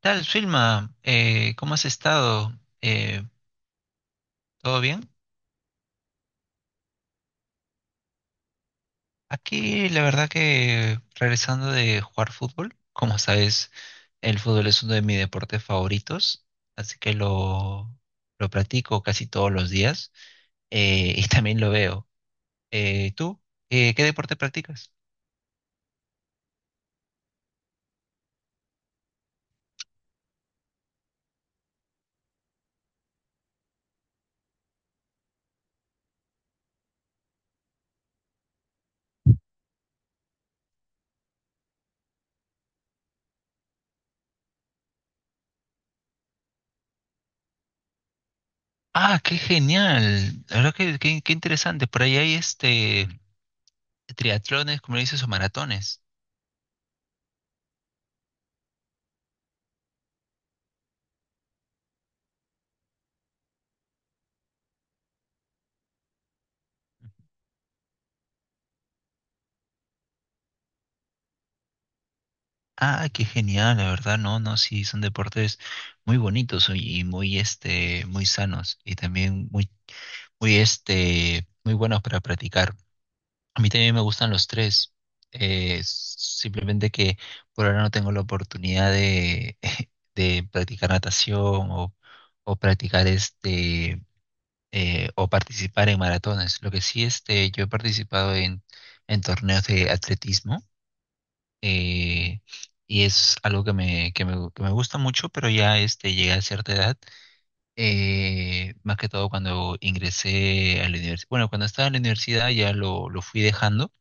Tal, Filma, ¿cómo has estado? Eh, ¿Todo bien? Aquí la verdad que regresando de jugar fútbol, como sabes, el fútbol es uno de mis deportes favoritos, así que lo practico casi todos los días y también lo veo. ¿Tú? ¿Qué deporte practicas? Ah, qué genial. La verdad que qué, interesante. Por ahí hay triatlones, como le dices, o maratones. Ah, qué genial, la verdad, no, no, sí, son deportes muy bonitos y muy, muy sanos y también muy, muy, muy buenos para practicar. A mí también me gustan los tres, simplemente que por ahora no tengo la oportunidad de, de practicar natación o, o practicar o participar en maratones. Lo que sí, yo he participado en torneos de atletismo eh, y es algo que me gusta mucho, pero ya llegué a cierta edad, más que todo cuando ingresé a la universidad, bueno, cuando estaba en la universidad ya lo fui dejando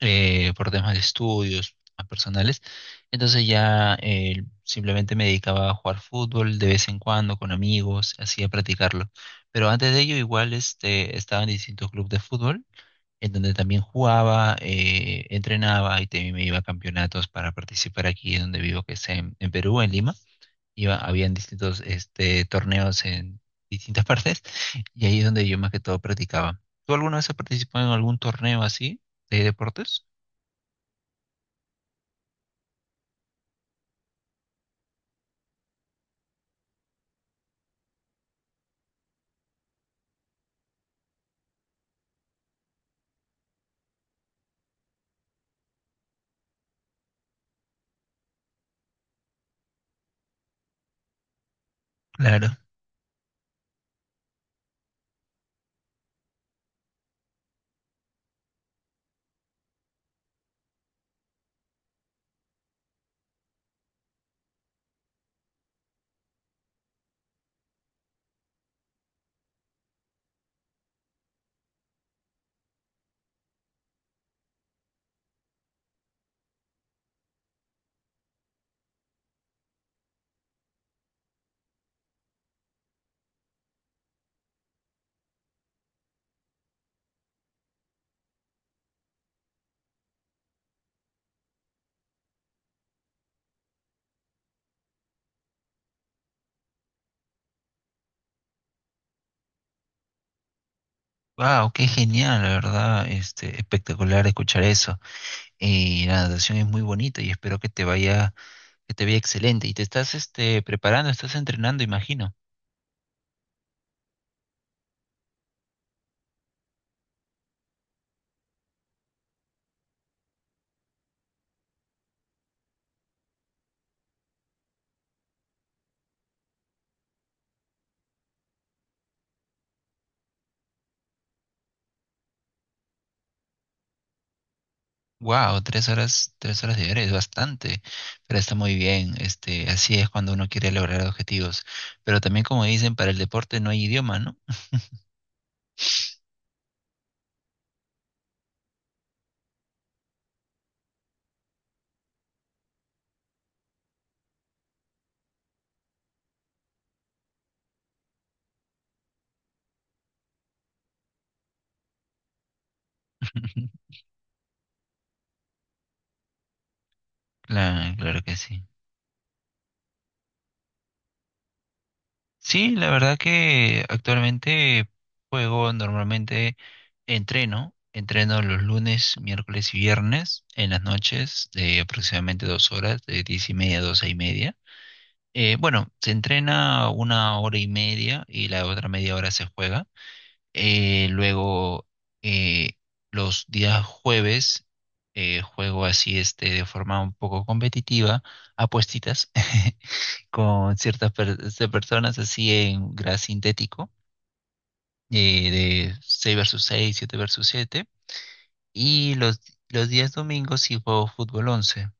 por temas de estudios temas personales, entonces ya simplemente me dedicaba a jugar fútbol de vez en cuando con amigos, así a practicarlo. Pero antes de ello igual estaba en distintos clubes de fútbol en donde también jugaba, entrenaba y también me iba a campeonatos para participar aquí donde vivo, que es en Perú, en Lima. Iba, habían distintos torneos en distintas partes y ahí es donde yo más que todo practicaba. ¿Tú alguna vez has participado en algún torneo así de deportes? Claro. Wow, qué genial, la verdad, espectacular escuchar eso. Y la natación es muy bonita y espero que te vaya excelente. Y te estás, preparando, estás entrenando, imagino. Wow, tres horas diarias es bastante, pero está muy bien. Así es cuando uno quiere lograr objetivos. Pero también, como dicen, para el deporte no hay idioma, ¿no? Claro, claro que sí. Sí, la verdad que actualmente juego normalmente, entreno los lunes, miércoles y viernes en las noches de aproximadamente 2 horas, de 10:30 a 12:30. Bueno, se entrena una hora y media y la otra media hora se juega. Luego, eh, los días jueves, juego así de forma un poco competitiva, apuestitas con ciertas personas así en gras sintético, de 6 versus 6 7 versus 7. Y los días domingos sí juego fútbol 11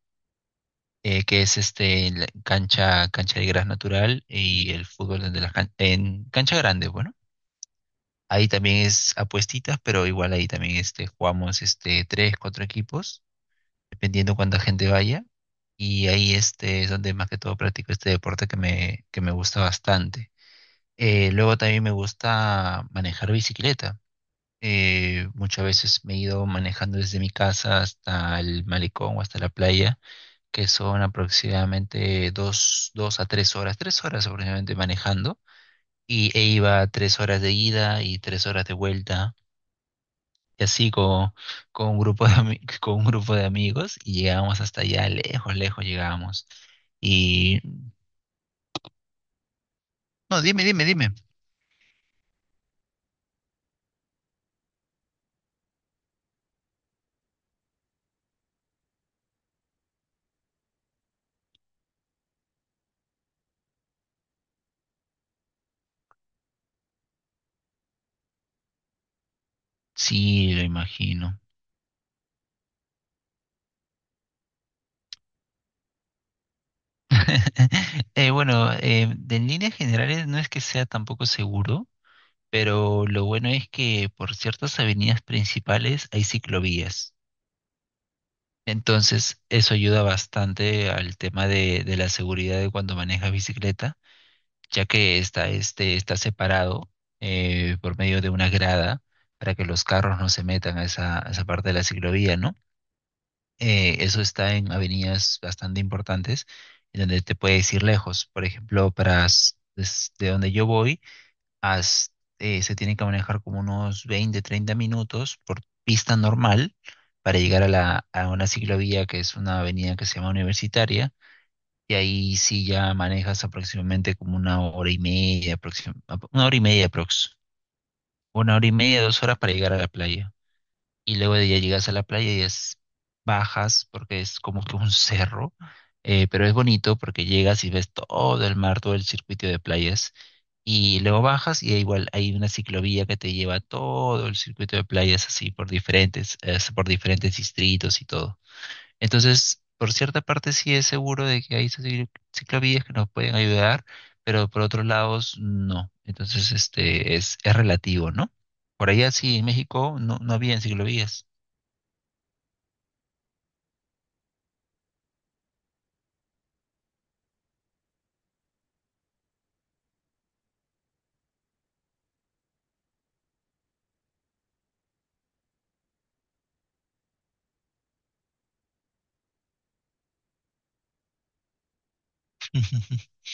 que es en la cancha de gras natural y el fútbol en cancha grande, bueno. Ahí también es apuestitas, pero igual ahí también jugamos tres, cuatro equipos, dependiendo cuánta gente vaya. Y ahí es donde más que todo practico este deporte que me gusta bastante. Luego también me gusta manejar bicicleta. Muchas veces me he ido manejando desde mi casa hasta el malecón o hasta la playa, que son aproximadamente dos a tres horas, 3 horas aproximadamente manejando. Y iba 3 horas de ida y 3 horas de vuelta. Y así con un grupo con un grupo de amigos y llegábamos hasta allá, lejos, lejos llegábamos. Y no, dime, dime, dime. Sí, lo imagino. Bueno, de en líneas generales no es que sea tampoco seguro, pero lo bueno es que por ciertas avenidas principales hay ciclovías. Entonces, eso ayuda bastante al tema de la seguridad de cuando manejas bicicleta, ya que está separado por medio de una grada para que los carros no se metan a esa parte de la ciclovía, ¿no? Eso está en avenidas bastante importantes, en donde te puedes ir lejos. Por ejemplo, desde donde yo voy, hasta, se tienen que manejar como unos 20 30 minutos por pista normal para llegar a una ciclovía que es una avenida que se llama Universitaria. Y ahí sí ya manejas aproximadamente como una hora y media, una hora y media aprox, una hora y media, 2 horas para llegar a la playa. Y luego de ya llegas a la playa bajas porque es como que un cerro, pero es bonito porque llegas y ves todo el mar, todo el circuito de playas. Y luego bajas y igual hay una ciclovía que te lleva todo el circuito de playas así por diferentes distritos y todo. Entonces, por cierta parte sí es seguro de que hay esas ciclovías que nos pueden ayudar, pero por otros lados no. Entonces, este es relativo, ¿no? Por allá sí, en México no, no había ciclovías.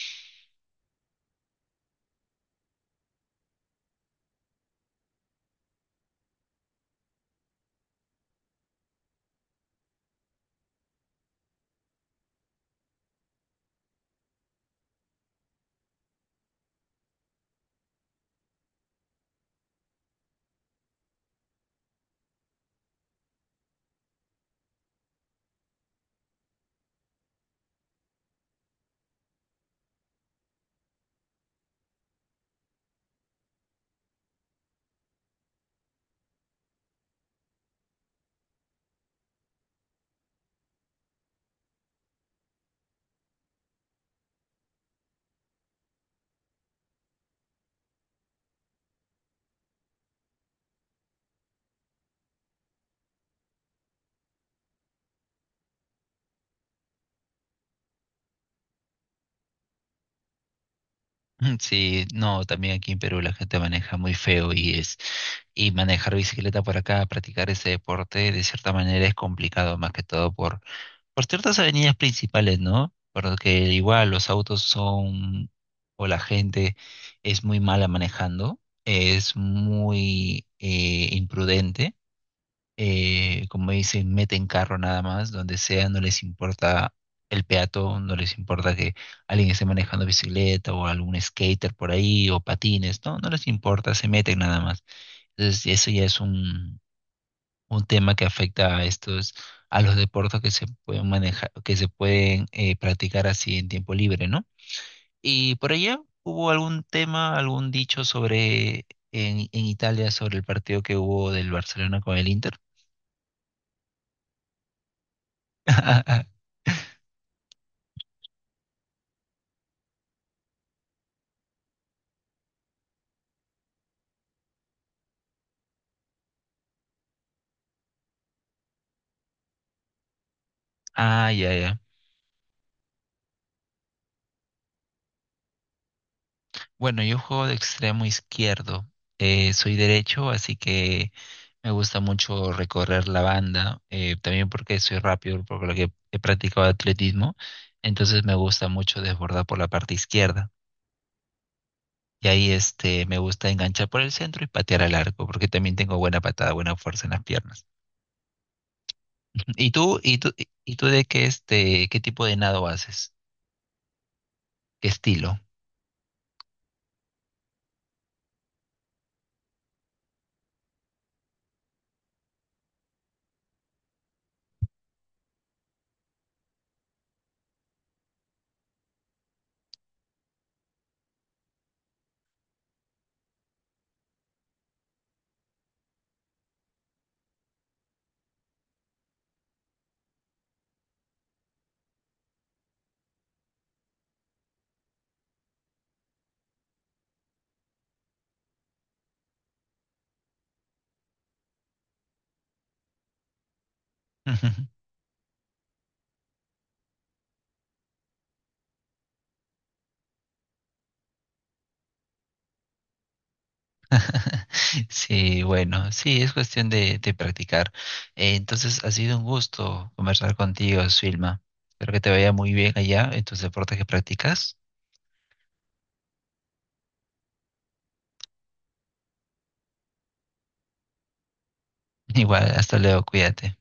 Sí, no, también aquí en Perú la gente maneja muy feo y manejar bicicleta por acá, practicar ese deporte, de cierta manera es complicado, más que todo por ciertas avenidas principales, ¿no? Porque igual los autos son, o la gente es muy mala manejando, es muy imprudente, como dicen, meten carro nada más, donde sea, no les importa el peatón, no les importa que alguien esté manejando bicicleta o algún skater por ahí o patines, no, no les importa, se meten nada más. Entonces eso ya es un tema que afecta a estos, a los deportes que se pueden manejar, que se pueden practicar así en tiempo libre, ¿no? Y por allá hubo algún tema, algún dicho sobre en Italia sobre el partido que hubo del Barcelona con el Inter. Ah, ya, ya. Bueno, yo juego de extremo izquierdo. Soy derecho, así que me gusta mucho recorrer la banda. También porque soy rápido, por lo que he practicado atletismo. Entonces me gusta mucho desbordar por la parte izquierda. Y ahí me gusta enganchar por el centro y patear al arco, porque también tengo buena patada, buena fuerza en las piernas. ¿Y tú, y tú, y tú de qué tipo de nado haces? ¿Qué estilo? Sí, bueno, sí, es cuestión de practicar. Entonces, ha sido un gusto conversar contigo, Silma. Espero que te vaya muy bien allá en tus deportes que practicas. Igual, hasta luego, cuídate.